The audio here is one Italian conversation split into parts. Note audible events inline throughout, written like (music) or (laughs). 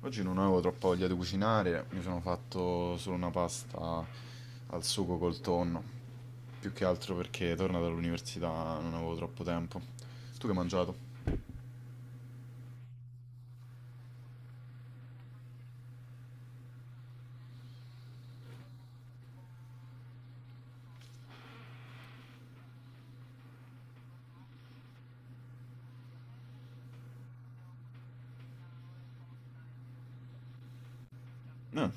Oggi non avevo troppa voglia di cucinare, mi sono fatto solo una pasta al sugo col tonno, più che altro perché tornato dall'università non avevo troppo tempo. Tu che hai mangiato? Eh,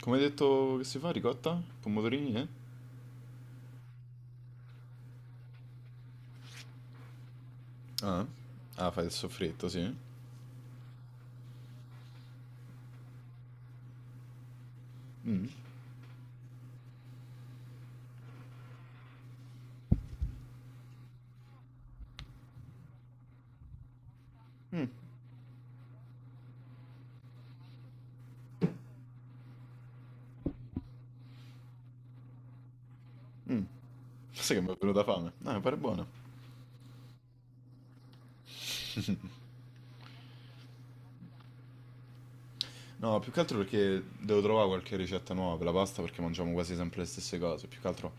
come hai detto che si fa? Ricotta? Pomodorini, eh? Ah, ah, fai il soffritto, sì. Sai che mi è venuta fame? No, mi pare buono. No, più che altro perché devo trovare qualche ricetta nuova per la pasta perché mangiamo quasi sempre le stesse cose. Più che altro,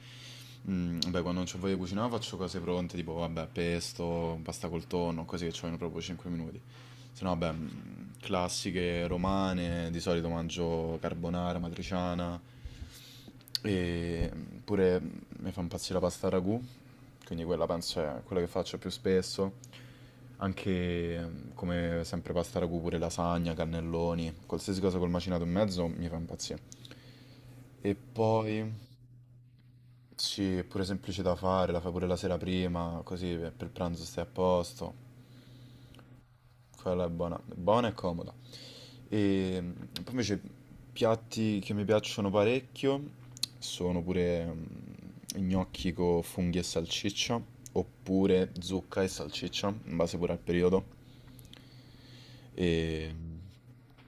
vabbè, quando non c'ho voglia di cucinare faccio cose pronte, tipo, vabbè, pesto, pasta col tonno, così che ci vogliono proprio 5 minuti. Se no, vabbè, classiche romane, di solito mangio carbonara, matriciana, e pure mi fa impazzire la pasta ragù, quindi quella penso è quella che faccio più spesso. Anche come sempre pasta ragù, pure lasagna, cannelloni, qualsiasi cosa col macinato in mezzo mi fa impazzire. E poi, sì, è pure semplice da fare, la fai pure la sera prima, così per pranzo stai a posto. Quella è buona, buona e comoda. E poi invece piatti che mi piacciono parecchio sono pure gnocchi con funghi e salsiccia, oppure zucca e salsiccia, in base pure al periodo. E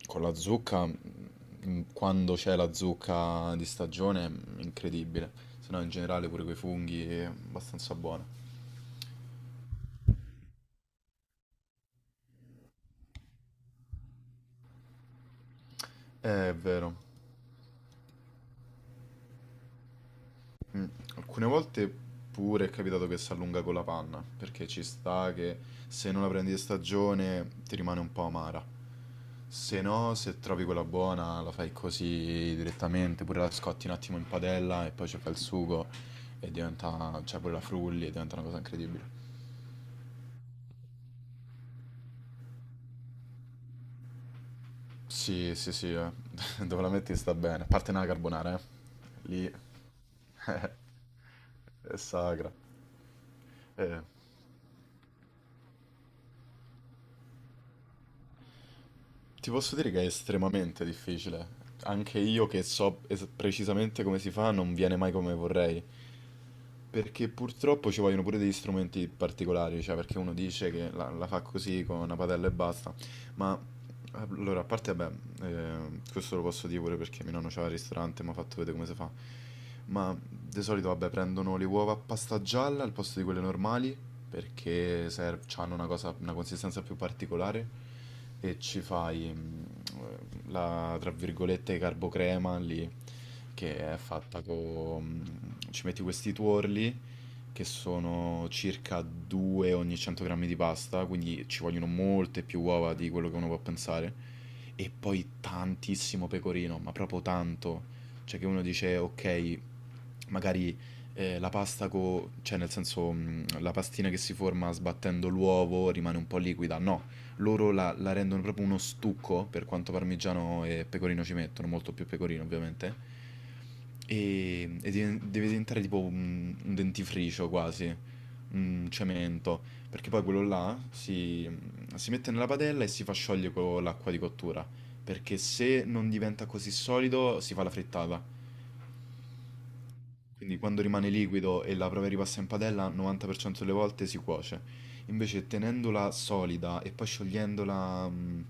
con la zucca, quando c'è la zucca di stagione, incredibile. Se no in generale pure quei funghi è abbastanza buona. È vero. Mm, Alcune volte pure è capitato che si allunga con la panna, perché ci sta che se non la prendi di stagione ti rimane un po' amara. Se no, se trovi quella buona, la fai così direttamente, pure la scotti un attimo in padella e poi ci fai il sugo e diventa, cioè pure la frulli e diventa una cosa incredibile. Sì, sì, sì, eh. (laughs) Dove la metti sta bene, a parte nella carbonara, eh. Lì (laughs) è sacra. Eh. Ti posso dire che è estremamente difficile. Anche io che so precisamente come si fa, non viene mai come vorrei. Perché purtroppo ci vogliono pure degli strumenti particolari, cioè perché uno dice che la fa così con una padella e basta, ma allora, a parte, beh, eh, questo lo posso dire pure perché mio nonno c'ha il ristorante e mi ha fatto vedere come si fa, ma di solito, vabbè, prendono le uova a pasta gialla al posto di quelle normali, perché hanno una cosa, una consistenza più particolare, e ci fai, mm, la, tra virgolette, carbocrema lì, che è fatta con. Ci metti questi tuorli, che sono circa 2 ogni 100 grammi di pasta, quindi ci vogliono molte più uova di quello che uno può pensare, e poi tantissimo pecorino, ma proprio tanto. Cioè che uno dice, ok, magari la pasta, cioè nel senso la pastina che si forma sbattendo l'uovo rimane un po' liquida, no loro la rendono proprio uno stucco, per quanto parmigiano e pecorino ci mettono, molto più pecorino ovviamente, e deve diventare tipo un dentifricio quasi, un cemento, perché poi quello là si mette nella padella e si fa sciogliere con l'acqua di cottura, perché se non diventa così solido si fa la frittata. Quindi quando rimane liquido e la prova ripassa in padella, 90% delle volte si cuoce. Invece tenendola solida e poi sciogliendola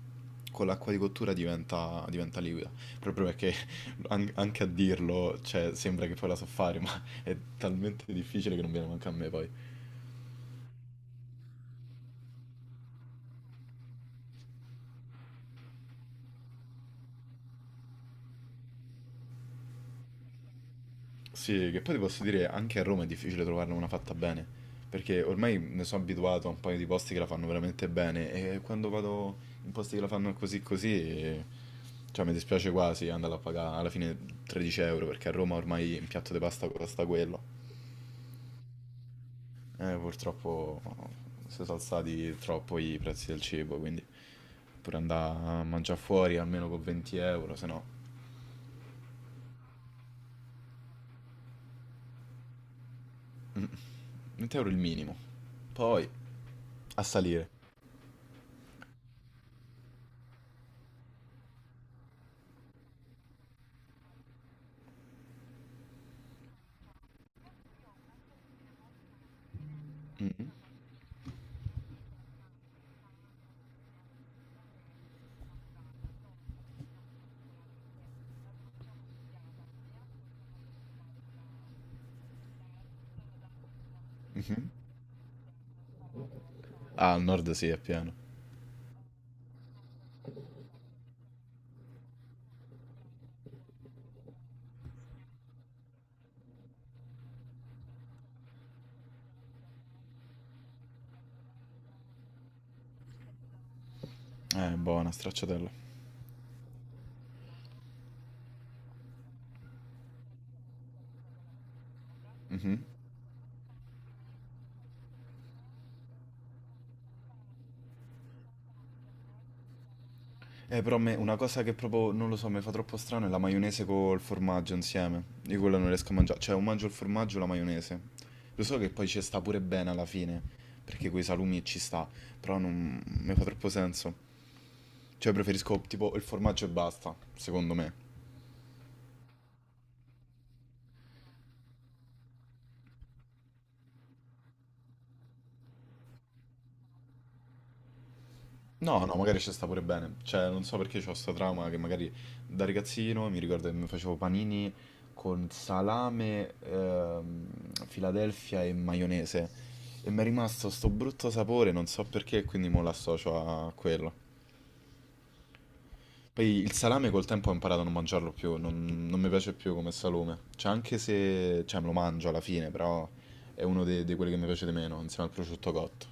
con l'acqua di cottura diventa liquida. Proprio perché (laughs) anche a dirlo, cioè, sembra che poi la so fare, ma (laughs) è talmente difficile che non viene manca a me poi. Sì, che poi ti posso dire, anche a Roma è difficile trovarne una fatta bene, perché ormai mi sono abituato a un paio di posti che la fanno veramente bene e quando vado in posti che la fanno così così, eh, cioè mi dispiace quasi andare a pagare alla fine 13 euro, perché a Roma ormai un piatto di pasta costa quello. Purtroppo si sono alzati troppo i prezzi del cibo, quindi pure andare a mangiare fuori almeno con 20 euro, se no 20 euro il minimo. Poi a salire. Mhm. Ah, al nord sì, è pieno. Buona, stracciatella. Mhm. Però a me una cosa che proprio, non lo so, mi fa troppo strano è la maionese col formaggio insieme. Io quella non riesco a mangiare. Cioè, o mangio il formaggio o la maionese. Lo so che poi ci sta pure bene alla fine, perché coi salumi ci sta, però non mi fa troppo senso. Cioè, preferisco tipo il formaggio e basta, secondo me. No, no, magari ci sta pure bene. Cioè, non so perché c'ho sta trauma che magari da ragazzino mi ricordo che mi facevo panini con salame, Philadelphia e maionese. E mi è rimasto sto brutto sapore, non so perché, quindi mo l'associo a quello. Poi il salame col tempo ho imparato a non mangiarlo più, non mi piace più come salume. Cioè, anche se. Cioè, me lo mangio alla fine, però è uno dei, di quelli che mi piace di meno, insieme al prosciutto cotto.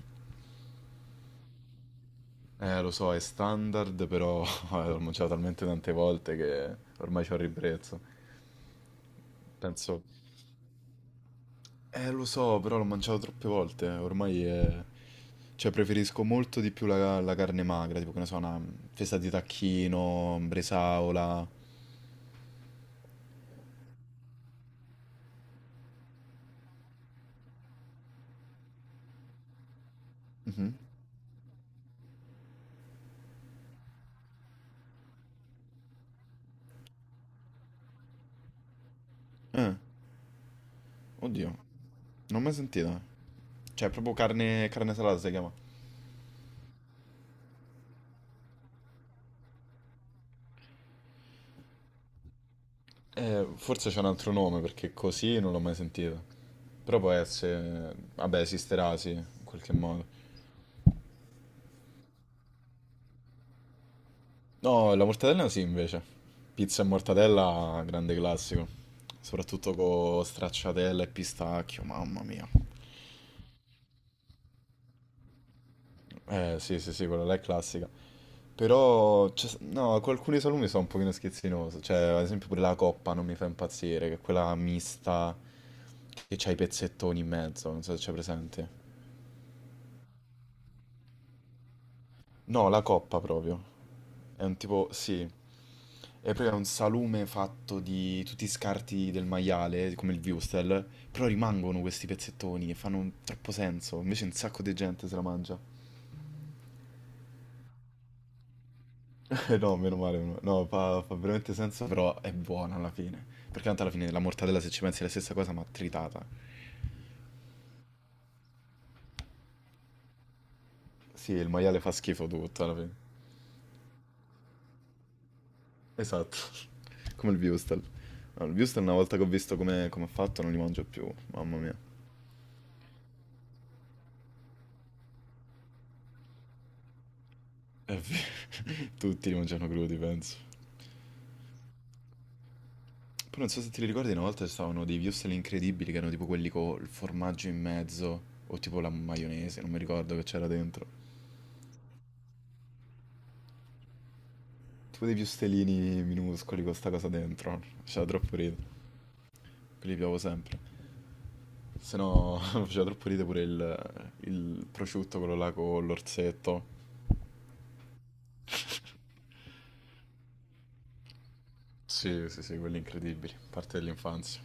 Lo so, è standard, però (laughs) l'ho mangiato talmente tante volte che ormai c'ho il ribrezzo. Penso, lo so, però l'ho mangiato troppe volte, ormai è. Cioè, preferisco molto di più la carne magra, tipo, che ne so, una festa di tacchino, bresaola. Mhm. Eh, oddio, non ho mai sentita. Cioè, proprio carne, carne salata si chiama. Forse c'è un altro nome, perché così non l'ho mai sentita. Però può essere. Vabbè, esisterà, sì, in qualche modo. No, la mortadella sì, invece. Pizza e mortadella, grande classico. Soprattutto con stracciatella e pistacchio, mamma mia. Sì, sì, sì, quella là è classica. Però, no, con alcuni salumi sono un pochino schizzinoso. Cioè, ad esempio pure la coppa non mi fa impazzire, che è quella mista che c'ha i pezzettoni in mezzo, non so se c'è presente. No, la coppa proprio. È un tipo, sì, è proprio un salume fatto di tutti i scarti del maiale, come il wurstel, però rimangono questi pezzettoni e fanno troppo senso, invece un sacco di gente se la mangia. (laughs) Eh, no, meno male, no, fa veramente senso, però è buona alla fine, perché tanto alla fine la mortadella se ci pensi è la stessa cosa ma tritata. Sì, il maiale fa schifo tutto alla fine. Esatto, (laughs) come il wurstel. No, il wurstel una volta che ho visto come è fatto non li mangio più, mamma mia. È ver- (laughs) Tutti li mangiano crudi, penso. Poi non so se ti li ricordi, una volta ci stavano dei wurstel incredibili che erano tipo quelli con il formaggio in mezzo o tipo la maionese, non mi ricordo che c'era dentro. Tipo dei wurstelini minuscoli con sta cosa dentro. Faceva troppo ridere. Quelli piavo sempre. Se no (laughs) faceva troppo ridere pure il prosciutto, quello là con l'orzetto. Sì, sì, sì, quelli incredibili. Parte dell'infanzia.